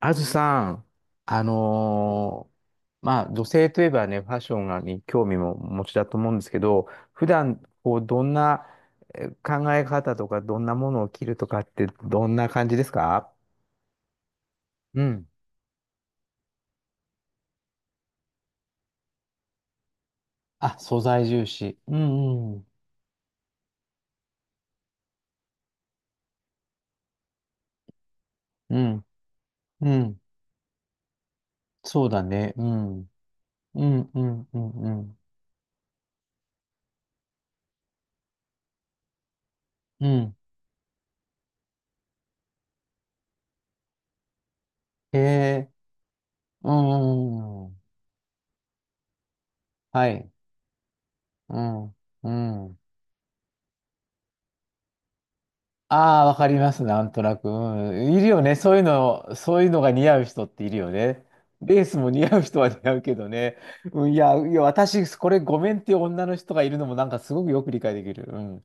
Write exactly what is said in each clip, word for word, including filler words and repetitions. あずさん、あのーまあ、女性といえばね、ファッションがに興味もお持ちだと思うんですけど、普段、こう、どんなえー考え方とか、どんなものを着るとかって、どんな感じですか？うん。あ、素材重視。うん、うん、うん、うん。そうだね。うん、うん、うん、うん、うん。うん。へえ、うん、うんうん。はい。うん、うん。ああ、わかります、なんとなく。うん、いるよね。そういうの、そういうのが似合う人っているよね。レースも似合う人は似合うけどね。うん、いや、いや、私、これごめんっていう女の人がいるのもなんかすごくよく理解できる。うん。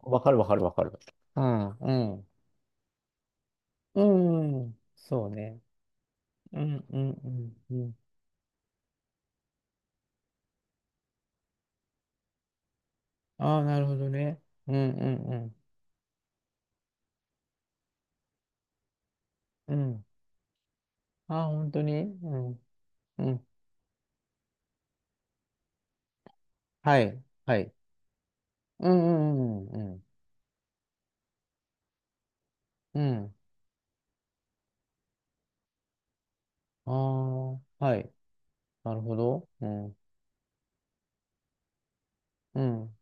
わかるわかるわかる。うん、うん。うん、うんそうね。うん、うん、うん、うん。ああ、なるほどね。うん、うん、うん。うん。ああ、本当に。うん、うん。はい、はい。うん、うん、うん、うん。うん。ああ、はい。なるほど。うん。うん。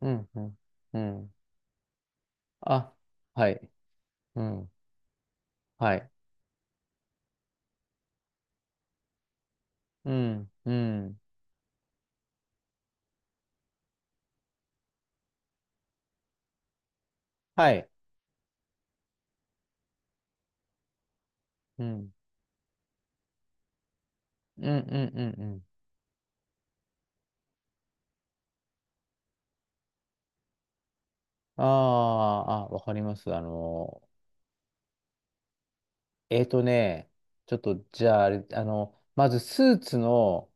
うん。うん。うん。あ、はい。うん。はい。うん。うん。はい。うん。うん。うん。うん。うんあー、あ、わかります。あの、えーとね、ちょっと、じゃあ、あれ、あの、まず、スーツの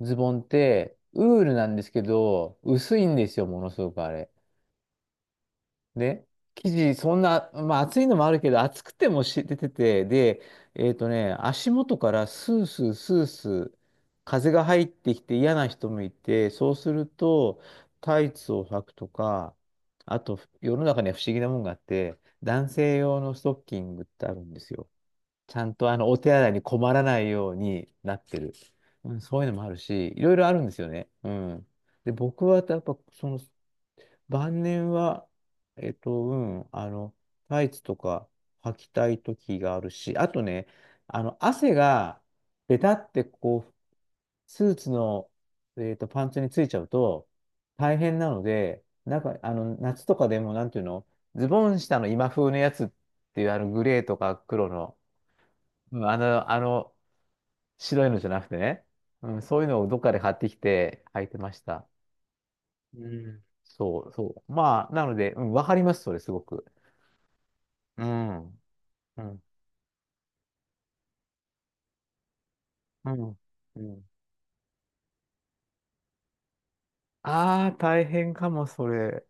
ズボンって、ウールなんですけど、薄いんですよ、ものすごくあれ。で、生地、そんな、まあ暑いのもあるけど、暑くてもし出てて、で、えっとね、足元からスースースースー風が入ってきて嫌な人もいて、そうすると、タイツを履くとか、あと、世の中には不思議なもんがあって、男性用のストッキングってあるんですよ。ちゃんとあの、お手洗いに困らないようになってる。うん、そういうのもあるし、いろいろあるんですよね。うん。で、僕はやっぱ、その、晩年は、えっと、うん、あの、タイツとか履きたい時があるし、あとね、あの、汗が、ベタってこう、スーツの、えっと、パンツについちゃうと、大変なので、なんか、あの、夏とかでも、なんていうの、ズボン下の今風のやつっていう、あの、グレーとか黒の、うん、あの、あの、白いのじゃなくてね、うん、そういうのをどっかで買ってきて履いてました。うん。そう、そう。まあ、なので、うん、わかります、それ、すごく。うん。うん。うん。うん。ああ、大変かも、それ。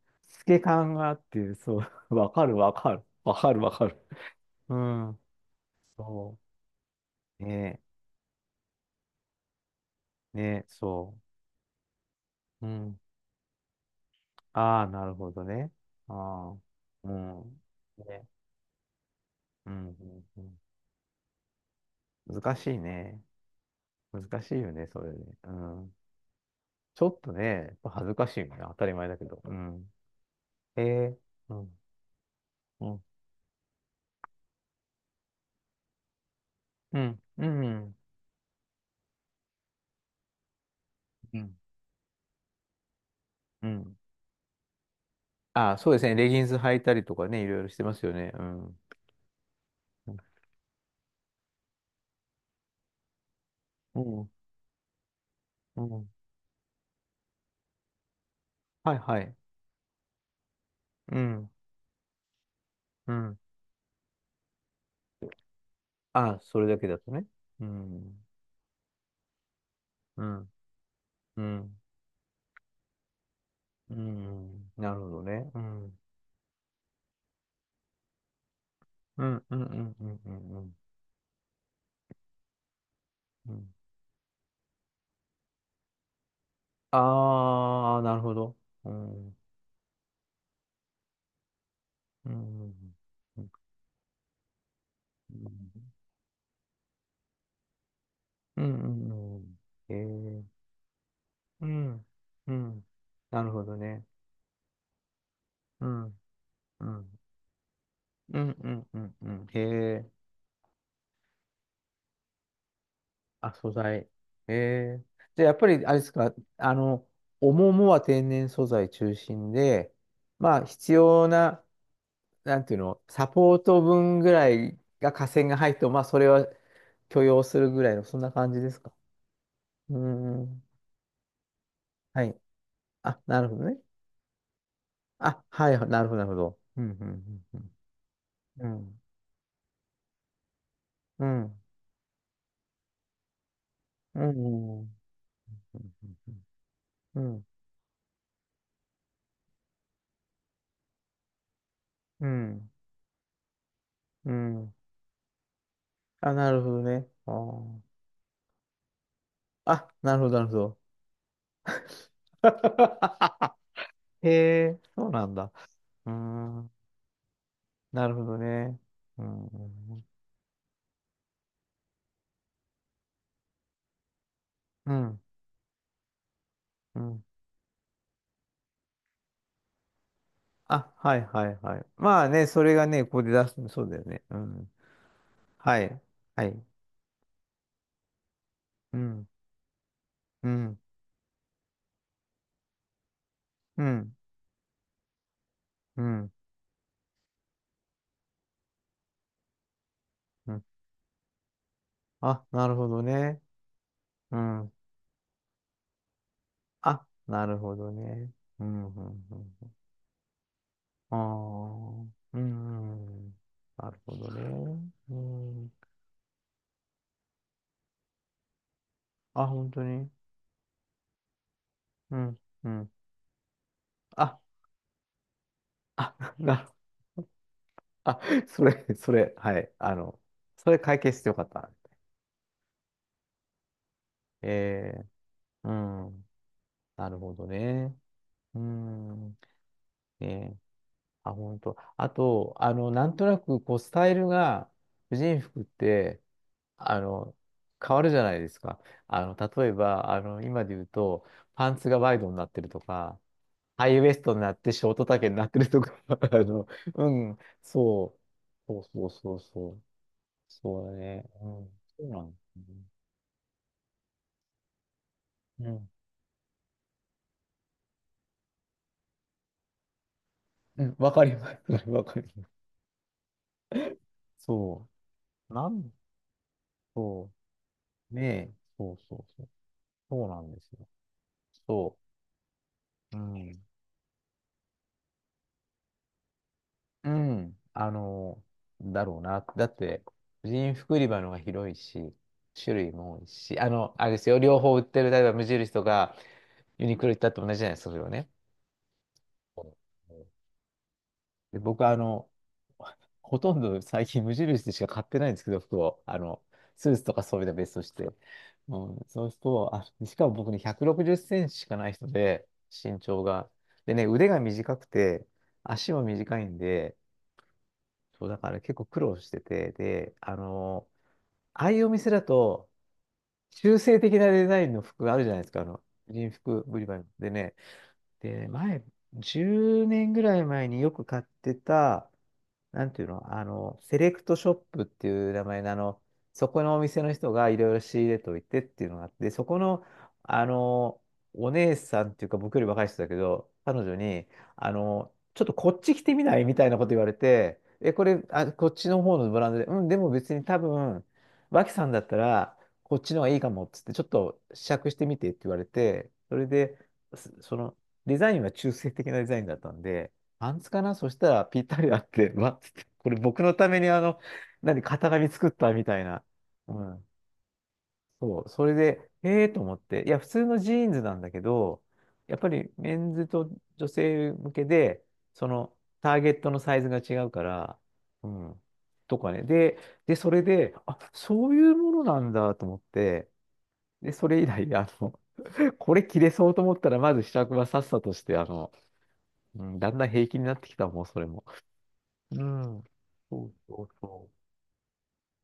透け感があって、そう、わかる、わかる。わかる、わかる。うん。そう。ねえ、ねえ、そう。うん。ああ、なるほどね。ああ、うん。ね。うん、うんうん。難しいね。難しいよね、それね。うん。ちょっとね、やっぱ恥ずかしいよね。当たり前だけど。うん。ええうん、うん、うん、うん、うん。うん。あ、そうですね。レギンス履いたりとかね、いろいろしてますよね。うん、うん、うん。はい、はい。うん、うん。あ、それだけだとね。うん、うん、うん、うん。なるほどね。うん、うん、うん、うん、うん、うん。うんああー、なるほど。うん、うん、うん、うん、うん。ええー、うん、うん。なるほどね。うんうん。うんうんうんうん。へえ。あ、素材。へえ。じゃあ、やっぱり、あれですか、あの、おももは天然素材中心で、まあ、必要な、なんていうの、サポート分ぐらいが下線が入っても、まあ、それは許容するぐらいの、そんな感じですか？うーん。はい。あ、なるほどね。あ、はい、なるほど、なるほど。うん、うん、うん、うん。うん、うん、うん、うん、うん、うん、うん。うんあ、なるほどね。あー、あ、なるほど、なるほど。へえ、そうなんだ。うーん、なるほどね。うん、うん、うん。あ、はい、はい、はい。まあね、それがね、ここで出すの、そうだよね。うん。はい、はい。うん、うん、うん、うん、うん。あ、なるほどね。うん。あ、なるほどね。うん、うん、うん。うんああ、うん、うん。なるほどね。うんあ、本当に。うん、うん。あ、あ、な、あ、それ、それ、はい。あの、それ解決してよかった。えー、うん。なるほどね。うん。ね、あ、本当。あと、あの、なんとなく、こう、スタイルが、婦人服って、あの、変わるじゃないですか。あの、例えば、あの、今で言うと、パンツがワイドになってるとか、ハイウエストになってショート丈になってるとか、あの、うん、そう。そうそうそうそう。そうだね。うん。そうなんですね。うん。うん、わかります。それわかります。そう。なん、そう。ねえ。そうそうそう。そうなんですよ。そう。うん。うん。あの、だろうな。だって、婦人服売り場のが広いし、種類も多いし、あの、あれですよ。両方売ってる、例えば無印とかユニクロ行ったって同じじゃないですか、それはね。そうで、僕はあの、ほとんど最近無印でしか買ってないんですけど、服を。あの、スーツとかそういうのは別として。うん、そうすると、あ、しかも僕ね、ひゃくろくじゅっセンチしかない人で、身長が。でね、腕が短くて、足も短いんで、そうだから結構苦労してて、で、あの、ああいうお店だと、中性的なデザインの服があるじゃないですか、あの、人服売り場でね。で、前、じゅうねんぐらい前によく買ってた、なんていうの、あの、セレクトショップっていう名前の、あの、そこのお店の人がいろいろ仕入れといてっていうのがあって、そこの、あの、お姉さんっていうか、僕より若い人だけど、彼女に、あの、ちょっとこっち来てみないみたいなこと言われて、え、これ、あ、こっちの方のブランドで、うん、でも別に多分、脇さんだったら、こっちの方がいいかもっつって、ちょっと試着してみてって言われて、それで、そその、デザインは中性的なデザインだったんで、パンツかなそしたらぴったりあって、わっつって、これ僕のためにあの、何、型紙作ったみたいな。うん。そう、それで、ええと思って、いや、普通のジーンズなんだけど、やっぱりメンズと女性向けで、そのターゲットのサイズが違うから、うん。とかね。で、で、それで、あ、そういうものなんだと思って、で、それ以来、あの、これ着れそうと思ったら、まず試着はさっさとして、あの、うん、だんだん平気になってきたもうそれも。うん。そうそうそ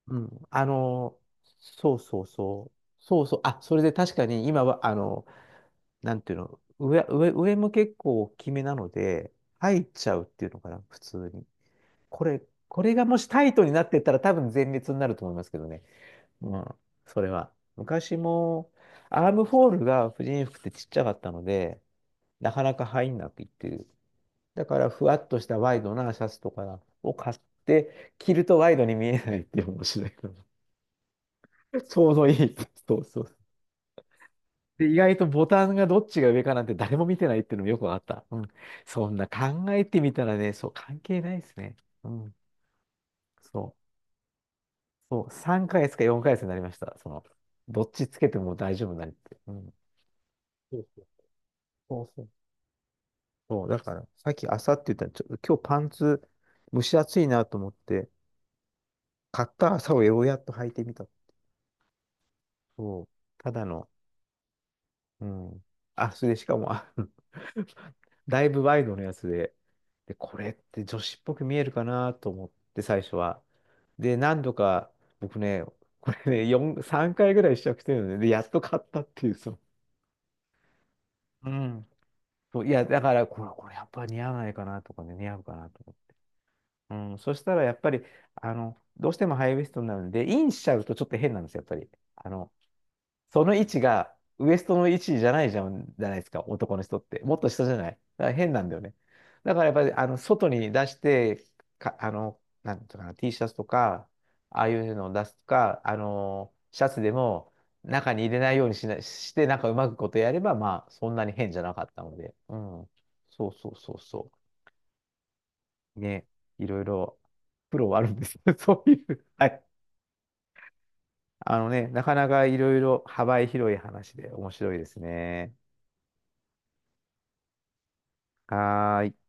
う。うん。あの、そうそうそう。そうそう。あ、それで確かに今は、あの、なんていうの、上、上、上も結構大きめなので、入っちゃうっていうのかな、普通に。これ、これがもしタイトになってったら多分全滅になると思いますけどね。うん。それは。昔も、アームホールが婦人服ってちっちゃかったので、なかなか入んなくいって、だから、ふわっとしたワイドなシャツとかを買って、着るとワイドに見えないっていう面白いの。ちょうどいい。そうそう。で、意外とボタンがどっちが上かなんて誰も見てないっていうのもよくわかった。うん。そんな考えてみたらね、そう、関係ないですね。うん。そう。そう、さんかげつかよんかげつになりました。その、どっちつけても大丈夫になるって。うん。そうそうそうそう。そうだから、さっき朝って言ったら、ちょ、今日パンツ蒸し暑いなと思って、買った朝をようやっと履いてみた。そう、ただの、うん。あ、それでしかも、あの だいぶワイドのやつで、で、これって女子っぽく見えるかなと思って、最初は。で、何度か、僕ね、これね、よん、さんかいぐらい試着してるのね、で、やっと買ったっていう、その。うん。そう、いや、だから、これ、これやっぱ似合わないかなとかね、似合うかなとか。うん、そしたら、やっぱり、あの、どうしてもハイウエストになるんで、インしちゃうとちょっと変なんですよ、やっぱり。あの、その位置がウエストの位置じゃないじゃん、じゃないですか、男の人って。もっと下じゃない。だから変なんだよね。だからやっぱり、あの、外に出して、か、あの、なんていうのかな、T シャツとか、ああいうのを出すとか、あの、シャツでも中に入れないようにしな、して、なんかうまくことやれば、まあ、そんなに変じゃなかったので。うん。そうそうそうそう。ね、いろいろ、プロはあるんですよ。そういう。はい。あのね、なかなかいろいろ幅広い話で面白いですね。はーい。